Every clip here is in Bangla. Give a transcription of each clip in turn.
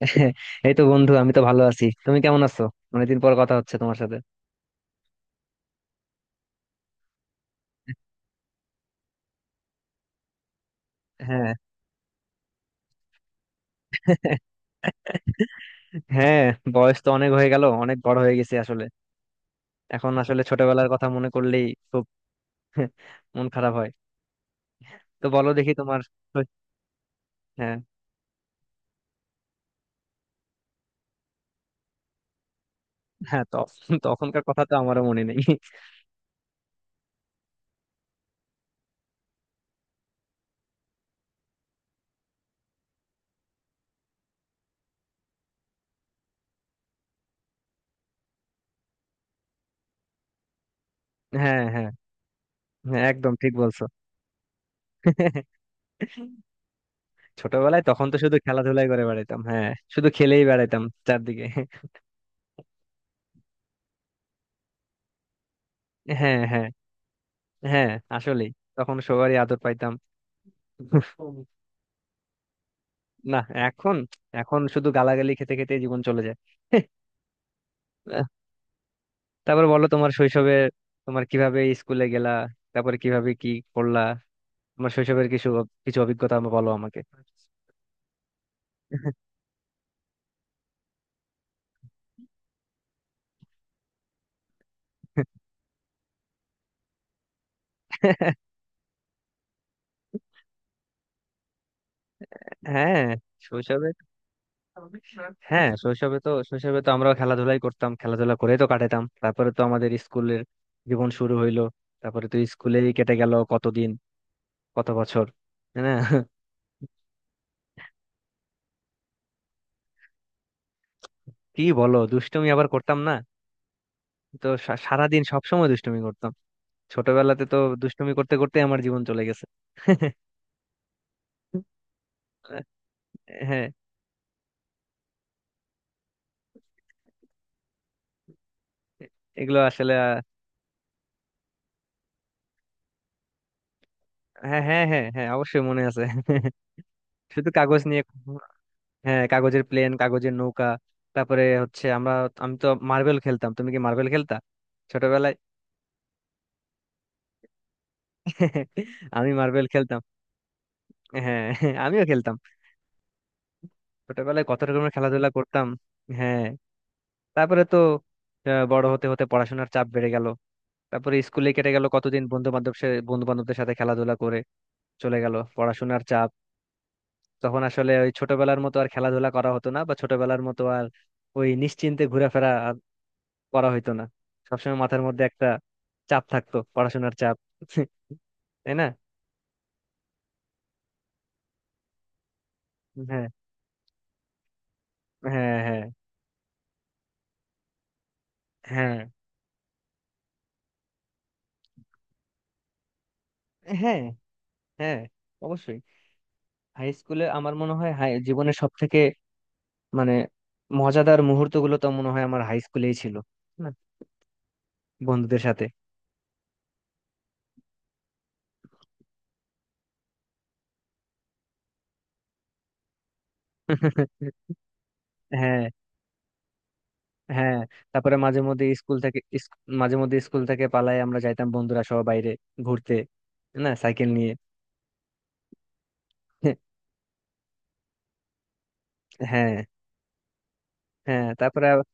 এই তো বন্ধু, আমি তো ভালো আছি। তুমি কেমন আছো? অনেকদিন পর কথা হচ্ছে তোমার সাথে। হ্যাঁ। হ্যাঁ, বয়স তো অনেক হয়ে গেল, অনেক বড় হয়ে গেছি আসলে। এখন আসলে ছোটবেলার কথা মনে করলেই খুব মন খারাপ হয়। তো বলো দেখি তোমার। হ্যাঁ, হ্যাঁ, তখন তখনকার কথা তো আমারও মনে নেই। হ্যাঁ, হ্যাঁ, হ্যাঁ, একদম ঠিক বলছো। ছোটবেলায় তখন তো শুধু খেলাধুলাই করে বেড়াতাম। হ্যাঁ, শুধু খেলেই বেড়াতাম চারদিকে। হ্যাঁ, হ্যাঁ, হ্যাঁ, আসলেই তখন সবারই আদর পাইতাম। না, এখন এখন শুধু গালাগালি খেতে খেতে জীবন চলে যায়। হ্যাঁ। আহ, তারপর বলো তোমার শৈশবে, তোমার কিভাবে স্কুলে গেলা, তারপরে কিভাবে কি করলা, তোমার শৈশবের কিছু কিছু অভিজ্ঞতা আমাকে বলো, আমাকে। হ্যাঁ শৈশবে হ্যাঁ, শৈশবে তো আমরাও খেলাধুলাই করতাম, খেলাধুলা করে তো কাটাতাম। তারপরে তো আমাদের স্কুলের জীবন শুরু হইলো। তারপরে তো স্কুলেই কেটে গেল কতদিন, কত বছর। হ্যাঁ। কি বলো, দুষ্টুমি আবার করতাম না? তো সারাদিন সবসময় দুষ্টুমি করতাম। ছোটবেলাতে তো দুষ্টুমি করতে করতে আমার জীবন চলে গেছে। হ্যাঁ, এগুলো আসলে. হ্যাঁ, হ্যাঁ, হ্যাঁ, হ্যাঁ, অবশ্যই মনে আছে। শুধু কাগজ নিয়ে? হ্যাঁ, কাগজের প্লেন, কাগজের নৌকা। তারপরে হচ্ছে আমরা। আমি তো মার্বেল খেলতাম, তুমি কি মার্বেল খেলতা ছোটবেলায়? আমি মার্বেল খেলতাম। হ্যাঁ। আমিও খেলতাম। ছোটবেলায় কত রকমের খেলাধুলা করতাম। হ্যাঁ, তারপরে তো বড় হতে হতে পড়াশোনার চাপ বেড়ে গেল। তারপরে স্কুলে কেটে গেল কতদিন, বন্ধু বান্ধবদের সাথে খেলাধুলা করে চলে গেল পড়াশোনার চাপ। তখন আসলে ওই ছোটবেলার মতো আর খেলাধুলা করা হতো না, বা ছোটবেলার মতো আর ওই নিশ্চিন্তে ঘোরাফেরা আর করা হইতো না। সবসময় মাথার মধ্যে একটা চাপ থাকতো, পড়াশোনার চাপ। তাই না? হ্যাঁ, হ্যাঁ, হ্যাঁ, হ্যাঁ, হ্যাঁ, হ্যাঁ, অবশ্যই। হাই স্কুলে আমার মনে হয়, জীবনের সব থেকে মানে মজাদার মুহূর্তগুলো তো মনে হয় আমার হাই স্কুলেই ছিল, না? বন্ধুদের সাথে। হ্যাঁ, হ্যাঁ, তারপরে মাঝে মধ্যে স্কুল থেকে ইস- মাঝে মধ্যে স্কুল থেকে পালাই আমরা যাইতাম বন্ধুরা সহ বাইরে ঘুরতে, না সাইকেল নিয়ে। হ্যাঁ, হ্যাঁ, তারপরে আব-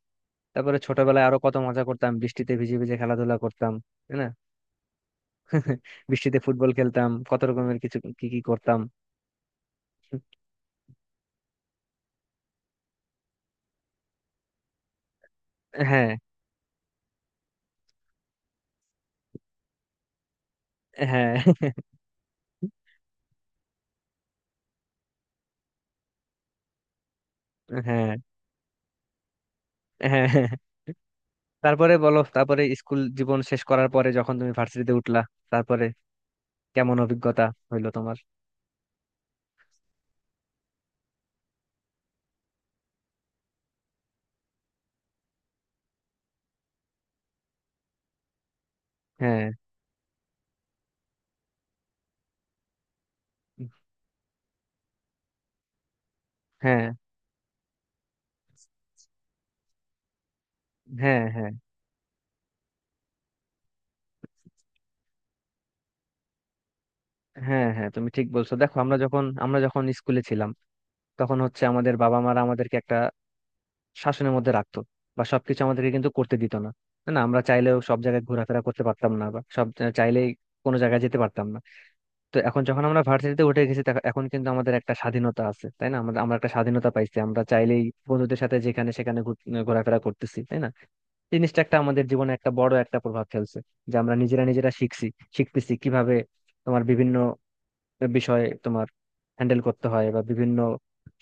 তারপরে ছোটবেলায় আরো কত মজা করতাম, বৃষ্টিতে ভিজে ভিজে খেলাধুলা করতাম। তাই না? বৃষ্টিতে ফুটবল খেলতাম, কত রকমের কিছু কি কি করতাম। হ্যাঁ, হ্যাঁ, হ্যাঁ, হ্যাঁ। তারপরে বলো, তারপরে স্কুল জীবন শেষ করার পরে যখন তুমি ভার্সিটিতে উঠলা, তারপরে কেমন অভিজ্ঞতা হইলো তোমার? হ্যাঁ, হ্যাঁ, হ্যাঁ, হ্যাঁ, হ্যাঁ, হ্যাঁ, তুমি ঠিক বলছো। দেখো, আমরা যখন স্কুলে ছিলাম, তখন হচ্ছে আমাদের বাবা মারা আমাদেরকে একটা শাসনের মধ্যে রাখতো, বা সবকিছু আমাদেরকে কিন্তু করতে দিত না। না, আমরা চাইলেও সব জায়গায় ঘোরাফেরা করতে পারতাম না, বা চাইলেই কোনো জায়গায় যেতে পারতাম না। তো এখন যখন আমরা ভার্সিটিতে উঠে গেছি, এখন কিন্তু আমাদের একটা স্বাধীনতা আছে, তাই না? আমরা একটা স্বাধীনতা পাইছি, আমরা চাইলেই বন্ধুদের সাথে যেখানে সেখানে ঘোরাফেরা করতেছি, তাই না? জিনিসটা একটা আমাদের জীবনে একটা বড় একটা প্রভাব ফেলছে, যে আমরা নিজেরা নিজেরা শিখছি, শিখতেছি কিভাবে তোমার বিভিন্ন বিষয় তোমার হ্যান্ডেল করতে হয়, বা বিভিন্ন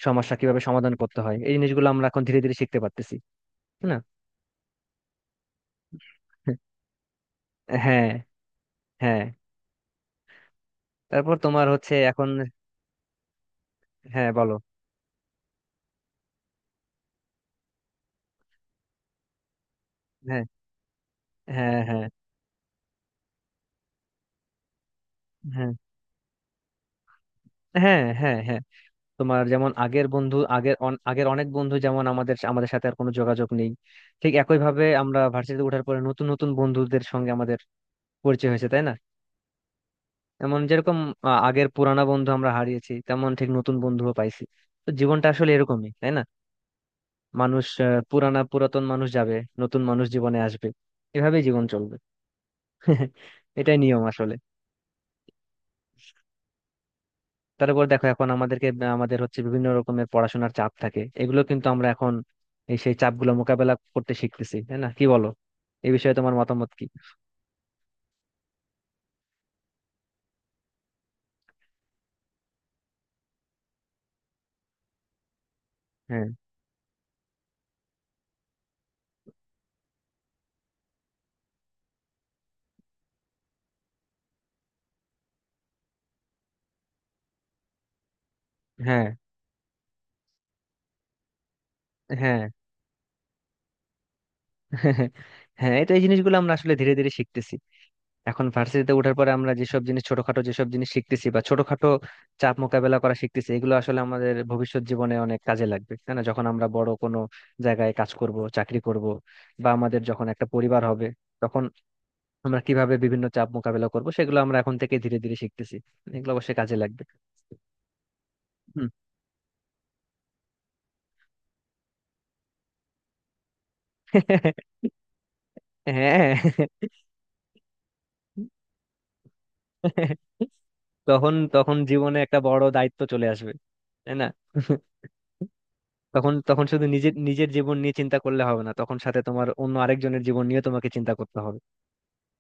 সমস্যা কিভাবে সমাধান করতে হয়। এই জিনিসগুলো আমরা এখন ধীরে ধীরে শিখতে পারতেছি, তাই না? হ্যাঁ, হ্যাঁ, তারপর তোমার হচ্ছে এখন। হ্যাঁ, বলো। হ্যাঁ, হ্যাঁ, হ্যাঁ, হ্যাঁ, হ্যাঁ, হ্যাঁ, হ্যাঁ, তোমার যেমন আগের বন্ধু, আগের অনেক বন্ধু যেমন আমাদের আমাদের সাথে আর কোনো যোগাযোগ নেই, ঠিক একই ভাবে আমরা ভার্সিটিতে ওঠার পরে নতুন নতুন বন্ধুদের সঙ্গে আমাদের পরিচয় হয়েছে, তাই না? এমন যেরকম আগের পুরানা বন্ধু আমরা হারিয়েছি, তেমন ঠিক নতুন বন্ধুও পাইছি। তো জীবনটা আসলে এরকমই, তাই না? মানুষ, পুরানা পুরাতন মানুষ যাবে, নতুন মানুষ জীবনে আসবে, এভাবেই জীবন চলবে। এটাই নিয়ম আসলে। তারপর দেখো, এখন আমাদেরকে আমাদের হচ্ছে বিভিন্ন রকমের পড়াশোনার চাপ থাকে, এগুলো কিন্তু আমরা এখন এই সেই চাপগুলো মোকাবেলা করতে শিখতেছি, তাই না? কি বলো, এই বিষয়ে তোমার মতামত কি? হ্যাঁ, হ্যাঁ, হ্যাঁ। হ্যাঁ, এটা এই জিনিসগুলো আমরা আসলে ধীরে ধীরে শিখতেছি। এখন ভার্সিটিতে ওঠার পরে আমরা যেসব জিনিস ছোটখাটো যেসব জিনিস শিখতেছি, বা ছোটখাটো চাপ মোকাবেলা করা শিখতেছি, এগুলো আসলে আমাদের ভবিষ্যৎ জীবনে অনেক কাজে লাগবে, তাই না? যখন আমরা বড় কোনো জায়গায় কাজ করব, চাকরি করব, বা আমাদের যখন একটা পরিবার হবে, তখন আমরা কিভাবে বিভিন্ন চাপ মোকাবেলা করব, সেগুলো আমরা এখন থেকে ধীরে ধীরে শিখতেছি, এগুলো অবশ্যই কাজে লাগবে। হুম। হ্যাঁ, তখন তখন জীবনে একটা বড় দায়িত্ব চলে আসবে, তাই না? তখন তখন শুধু নিজের নিজের জীবন নিয়ে চিন্তা করলে হবে না, তখন সাথে তোমার অন্য আরেকজনের জীবন নিয়ে তোমাকে চিন্তা করতে হবে।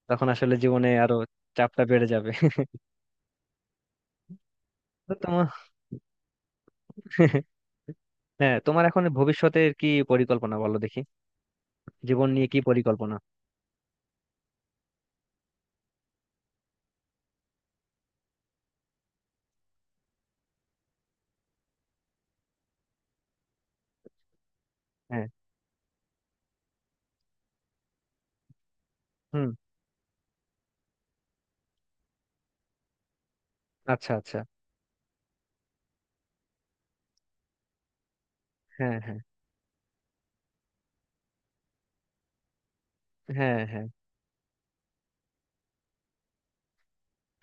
তখন আসলে জীবনে আরো চাপটা বেড়ে যাবে। তো তোমার। হ্যাঁ, তোমার এখন ভবিষ্যতের কি পরিকল্পনা, বলো দেখি, জীবন নিয়ে কি পরিকল্পনা? হ্যাঁ। হুম। আচ্ছা, আচ্ছা। হ্যাঁ, হ্যাঁ, হ্যাঁ, হ্যাঁ,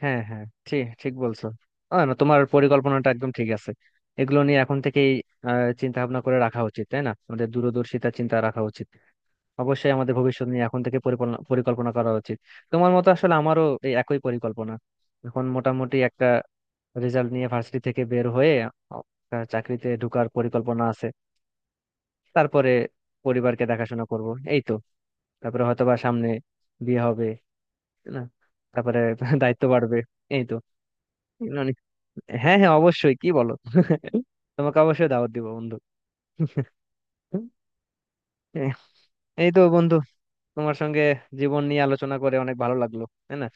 হ্যাঁ, হ্যাঁ, ঠিক ঠিক বলছো। না, তোমার পরিকল্পনাটা একদম ঠিক আছে। এগুলো নিয়ে এখন থেকেই চিন্তা ভাবনা করে রাখা উচিত, তাই না? আমাদের দূরদর্শিতা চিন্তা রাখা উচিত। অবশ্যই আমাদের ভবিষ্যৎ নিয়ে এখন থেকে পরিকল্পনা পরিকল্পনা করা উচিত। তোমার মতো আসলে আমারও এই একই পরিকল্পনা। এখন মোটামুটি একটা রেজাল্ট নিয়ে ভার্সিটি থেকে বের হয়ে একটা চাকরিতে ঢোকার পরিকল্পনা আছে। তারপরে পরিবারকে দেখাশোনা করব, এই তো। তারপরে হয়তোবা সামনে বিয়ে হবে, তাই না? তারপরে দায়িত্ব বাড়বে। এই তো। অনেক- হ্যাঁ, হ্যাঁ, অবশ্যই, কি বলো, তোমাকে অবশ্যই দাওয়াত দিব বন্ধু। এই এই তো বন্ধু, তোমার সঙ্গে জীবন নিয়ে আলোচনা করে অনেক ভালো লাগলো, তাই না?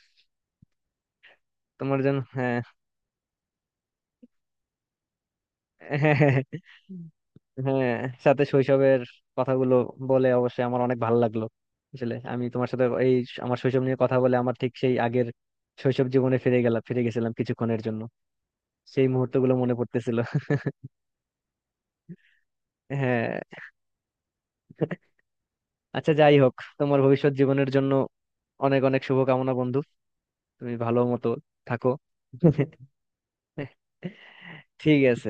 তোমার জন্য, হ্যাঁ, হ্যাঁ, হ্যাঁ, হ্যাঁ, হ্যাঁ। সাথে শৈশবের কথাগুলো বলে অবশ্যই আমার অনেক ভালো লাগলো। আসলে আমি তোমার সাথে আমার শৈশব নিয়ে কথা বলে আমার ঠিক সেই আগের শৈশব জীবনে ফিরে গেলাম, ফিরে গেছিলাম কিছুক্ষণের জন্য, সেই মুহূর্তগুলো মনে পড়তেছিল। হ্যাঁ, আচ্ছা, যাই হোক, তোমার ভবিষ্যৎ জীবনের জন্য অনেক অনেক শুভকামনা বন্ধু। তুমি ভালো মতো থাকো। ঠিক আছে,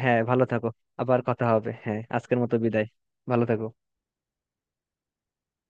হ্যাঁ, ভালো থাকো। আবার কথা হবে, হ্যাঁ, আজকের মতো বিদায়। ভালো থাকো।